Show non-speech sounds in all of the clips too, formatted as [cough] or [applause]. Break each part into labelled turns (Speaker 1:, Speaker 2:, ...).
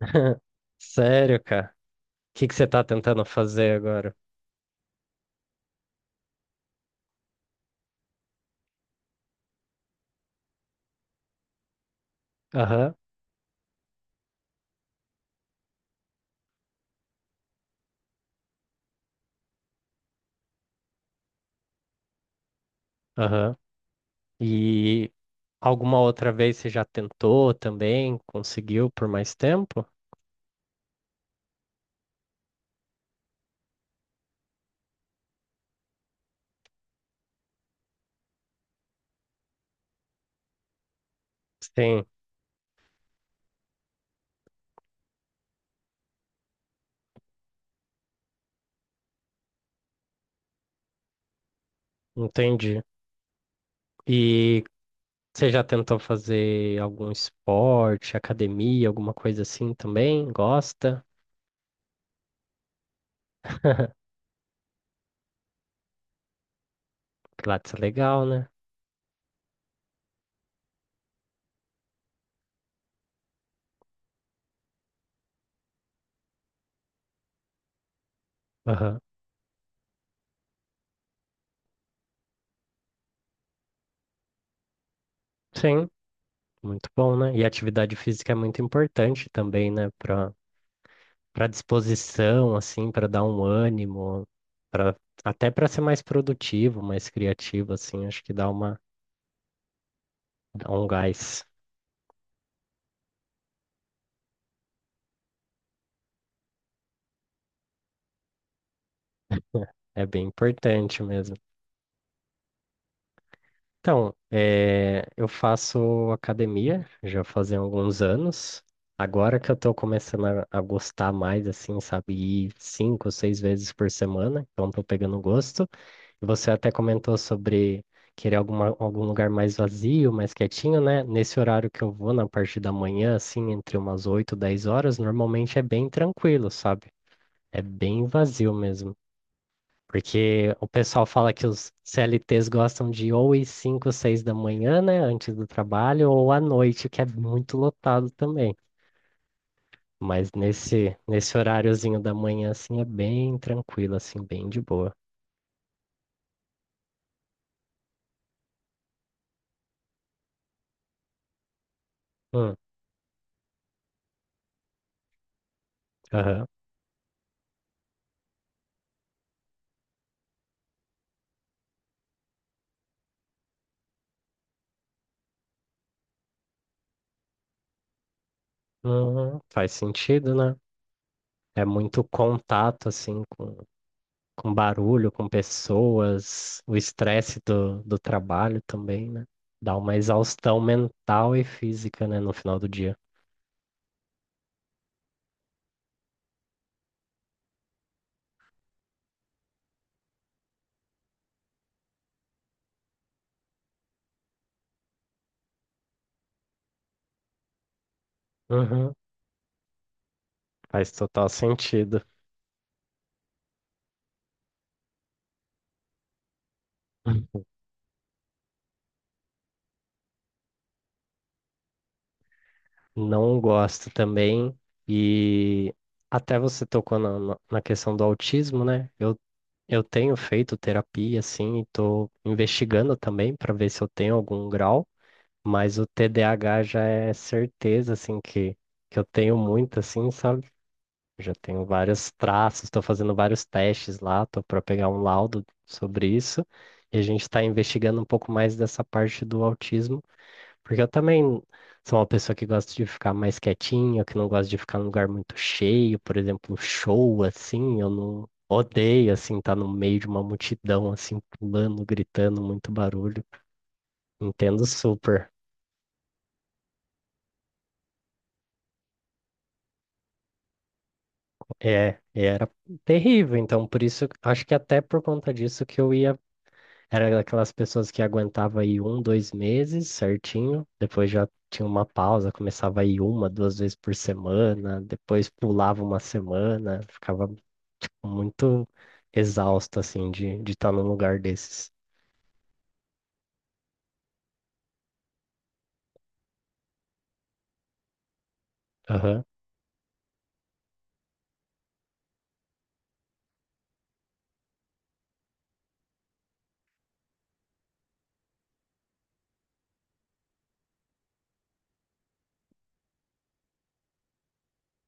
Speaker 1: [laughs] Sério, cara? O que que você tá tentando fazer agora? Aham, aham. E alguma outra vez você já tentou também? Conseguiu por mais tempo? Sim, entendi. E você já tentou fazer algum esporte, academia, alguma coisa assim também? Gosta? [laughs] Pilates é legal, né? Aham. Sim, muito bom, né? E atividade física é muito importante também, né? Para disposição, assim, para dar um ânimo, para até para ser mais produtivo, mais criativo, assim, acho que dá um gás. É bem importante mesmo. Então, eu faço academia já fazem alguns anos. Agora que eu tô começando a gostar mais, assim, sabe, ir 5, 6 vezes por semana, então tô pegando gosto. Você até comentou sobre querer algum lugar mais vazio, mais quietinho, né? Nesse horário que eu vou, na parte da manhã, assim, entre umas 8 e 10 horas, normalmente é bem tranquilo, sabe? É bem vazio mesmo. Porque o pessoal fala que os CLTs gostam de ou ir 5, 6 da manhã, né? Antes do trabalho, ou à noite, que é muito lotado também. Mas nesse horáriozinho da manhã, assim, é bem tranquilo, assim, bem de boa. Hum, aham. Uhum, faz sentido, né? É muito contato, assim, com barulho, com pessoas, o estresse do trabalho também, né? Dá uma exaustão mental e física, né, no final do dia. Uhum, faz total sentido. [laughs] Não gosto também. E até você tocou na questão do autismo, né? Eu tenho feito terapia, assim, e tô investigando também para ver se eu tenho algum grau. Mas o TDAH já é certeza, assim, que eu tenho muito, assim, sabe? Já tenho vários traços, estou fazendo vários testes lá, tô para pegar um laudo sobre isso. E a gente está investigando um pouco mais dessa parte do autismo, porque eu também sou uma pessoa que gosta de ficar mais quietinha, que não gosta de ficar num lugar muito cheio, por exemplo, show, assim, eu não odeio, assim, estar no meio de uma multidão, assim, pulando, gritando, muito barulho. Entendo super. É, e era terrível, então por isso, acho que até por conta disso que eu ia, era daquelas pessoas que aguentava aí 1, 2 meses certinho, depois já tinha uma pausa, começava aí 1, 2 vezes por semana, depois pulava uma semana, ficava muito exausto assim de estar num lugar desses. Aham.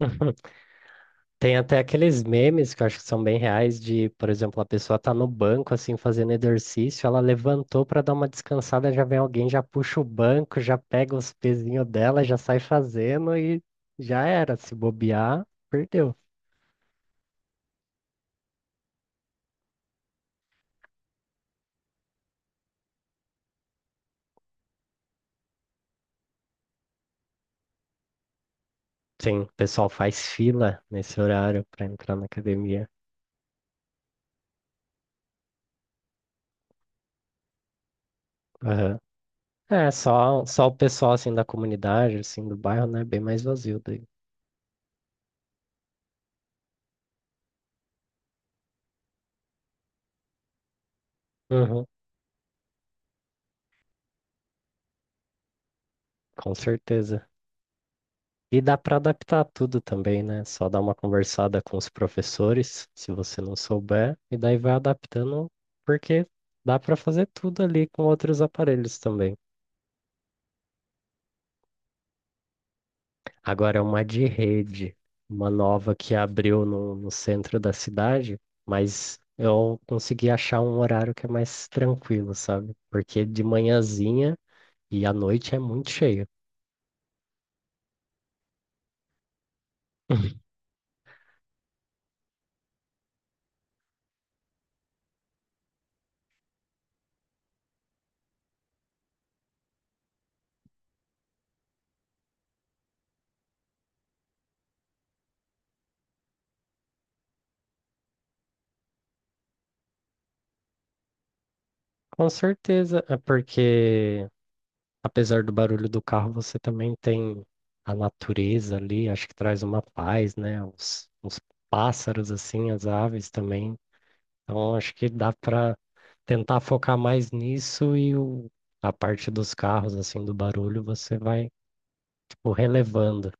Speaker 1: [laughs] Tem até aqueles memes que eu acho que são bem reais de, por exemplo, a pessoa tá no banco assim fazendo exercício, ela levantou para dar uma descansada, já vem alguém, já puxa o banco, já pega os pezinhos dela, já sai fazendo e já era, se bobear, perdeu. Sim, o pessoal faz fila nesse horário para entrar na academia. Aham. É, só o pessoal assim da comunidade, assim do bairro, né, bem mais vazio daí. Uhum, com certeza. E dá para adaptar tudo também, né? Só dá uma conversada com os professores, se você não souber, e daí vai adaptando, porque dá para fazer tudo ali com outros aparelhos também. Agora, uma de rede, uma nova que abriu no centro da cidade, mas eu consegui achar um horário que é mais tranquilo, sabe? Porque de manhãzinha e à noite é muito cheio. [laughs] Com certeza, é porque apesar do barulho do carro, você também tem a natureza ali, acho que traz uma paz, né? Os pássaros, assim, as aves também. Então, acho que dá para tentar focar mais nisso e a parte dos carros, assim, do barulho, você vai, tipo, relevando.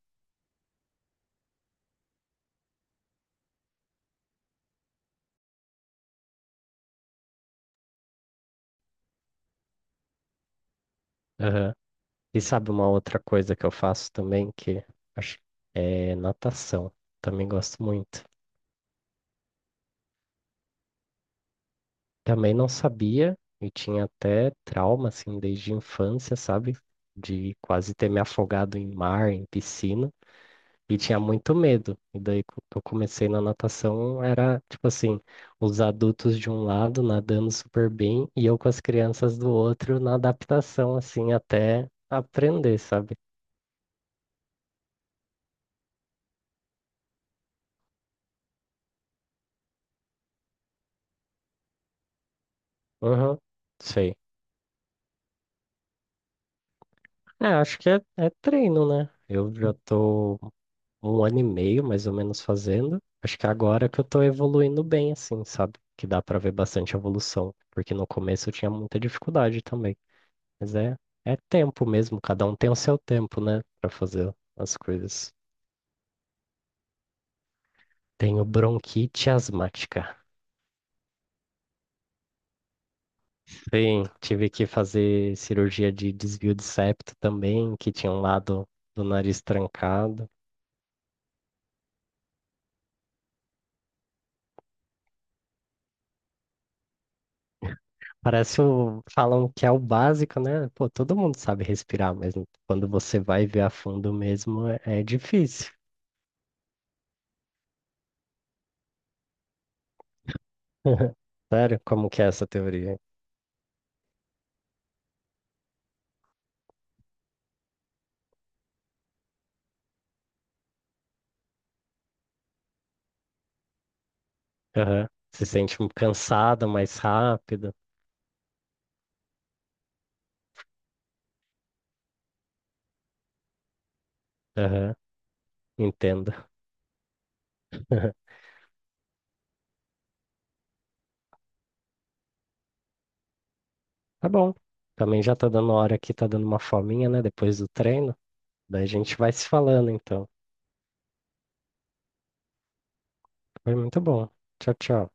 Speaker 1: Aham. E sabe uma outra coisa que eu faço também, que acho é natação. Também gosto muito. Também não sabia e tinha até trauma, assim, desde a infância, sabe? De quase ter me afogado em mar, em piscina, e tinha muito medo. E daí, eu comecei na natação, era tipo assim: os adultos de um lado nadando super bem e eu com as crianças do outro na adaptação, assim, até aprender, sabe? Uhum, sei. É, acho que é treino, né? Eu já tô. 1 ano e meio mais ou menos fazendo. Acho que agora que eu tô evoluindo bem, assim, sabe? Que dá pra ver bastante evolução, porque no começo eu tinha muita dificuldade também. Mas é, é tempo mesmo, cada um tem o seu tempo, né, pra fazer as coisas. Tenho bronquite asmática. Sim, tive que fazer cirurgia de desvio de septo também, que tinha um lado do nariz trancado. Parece o. Falam que é o básico, né? Pô, todo mundo sabe respirar, mas quando você vai ver a fundo mesmo, é difícil. [laughs] Sério? Como que é essa teoria? Aham. Se sente um cansado mais rápido. Aham. Entendo. [laughs] Tá bom. Também já tá dando hora aqui, tá dando uma fominha, né? Depois do treino. Daí a gente vai se falando, então. Foi muito bom. Tchau, tchau.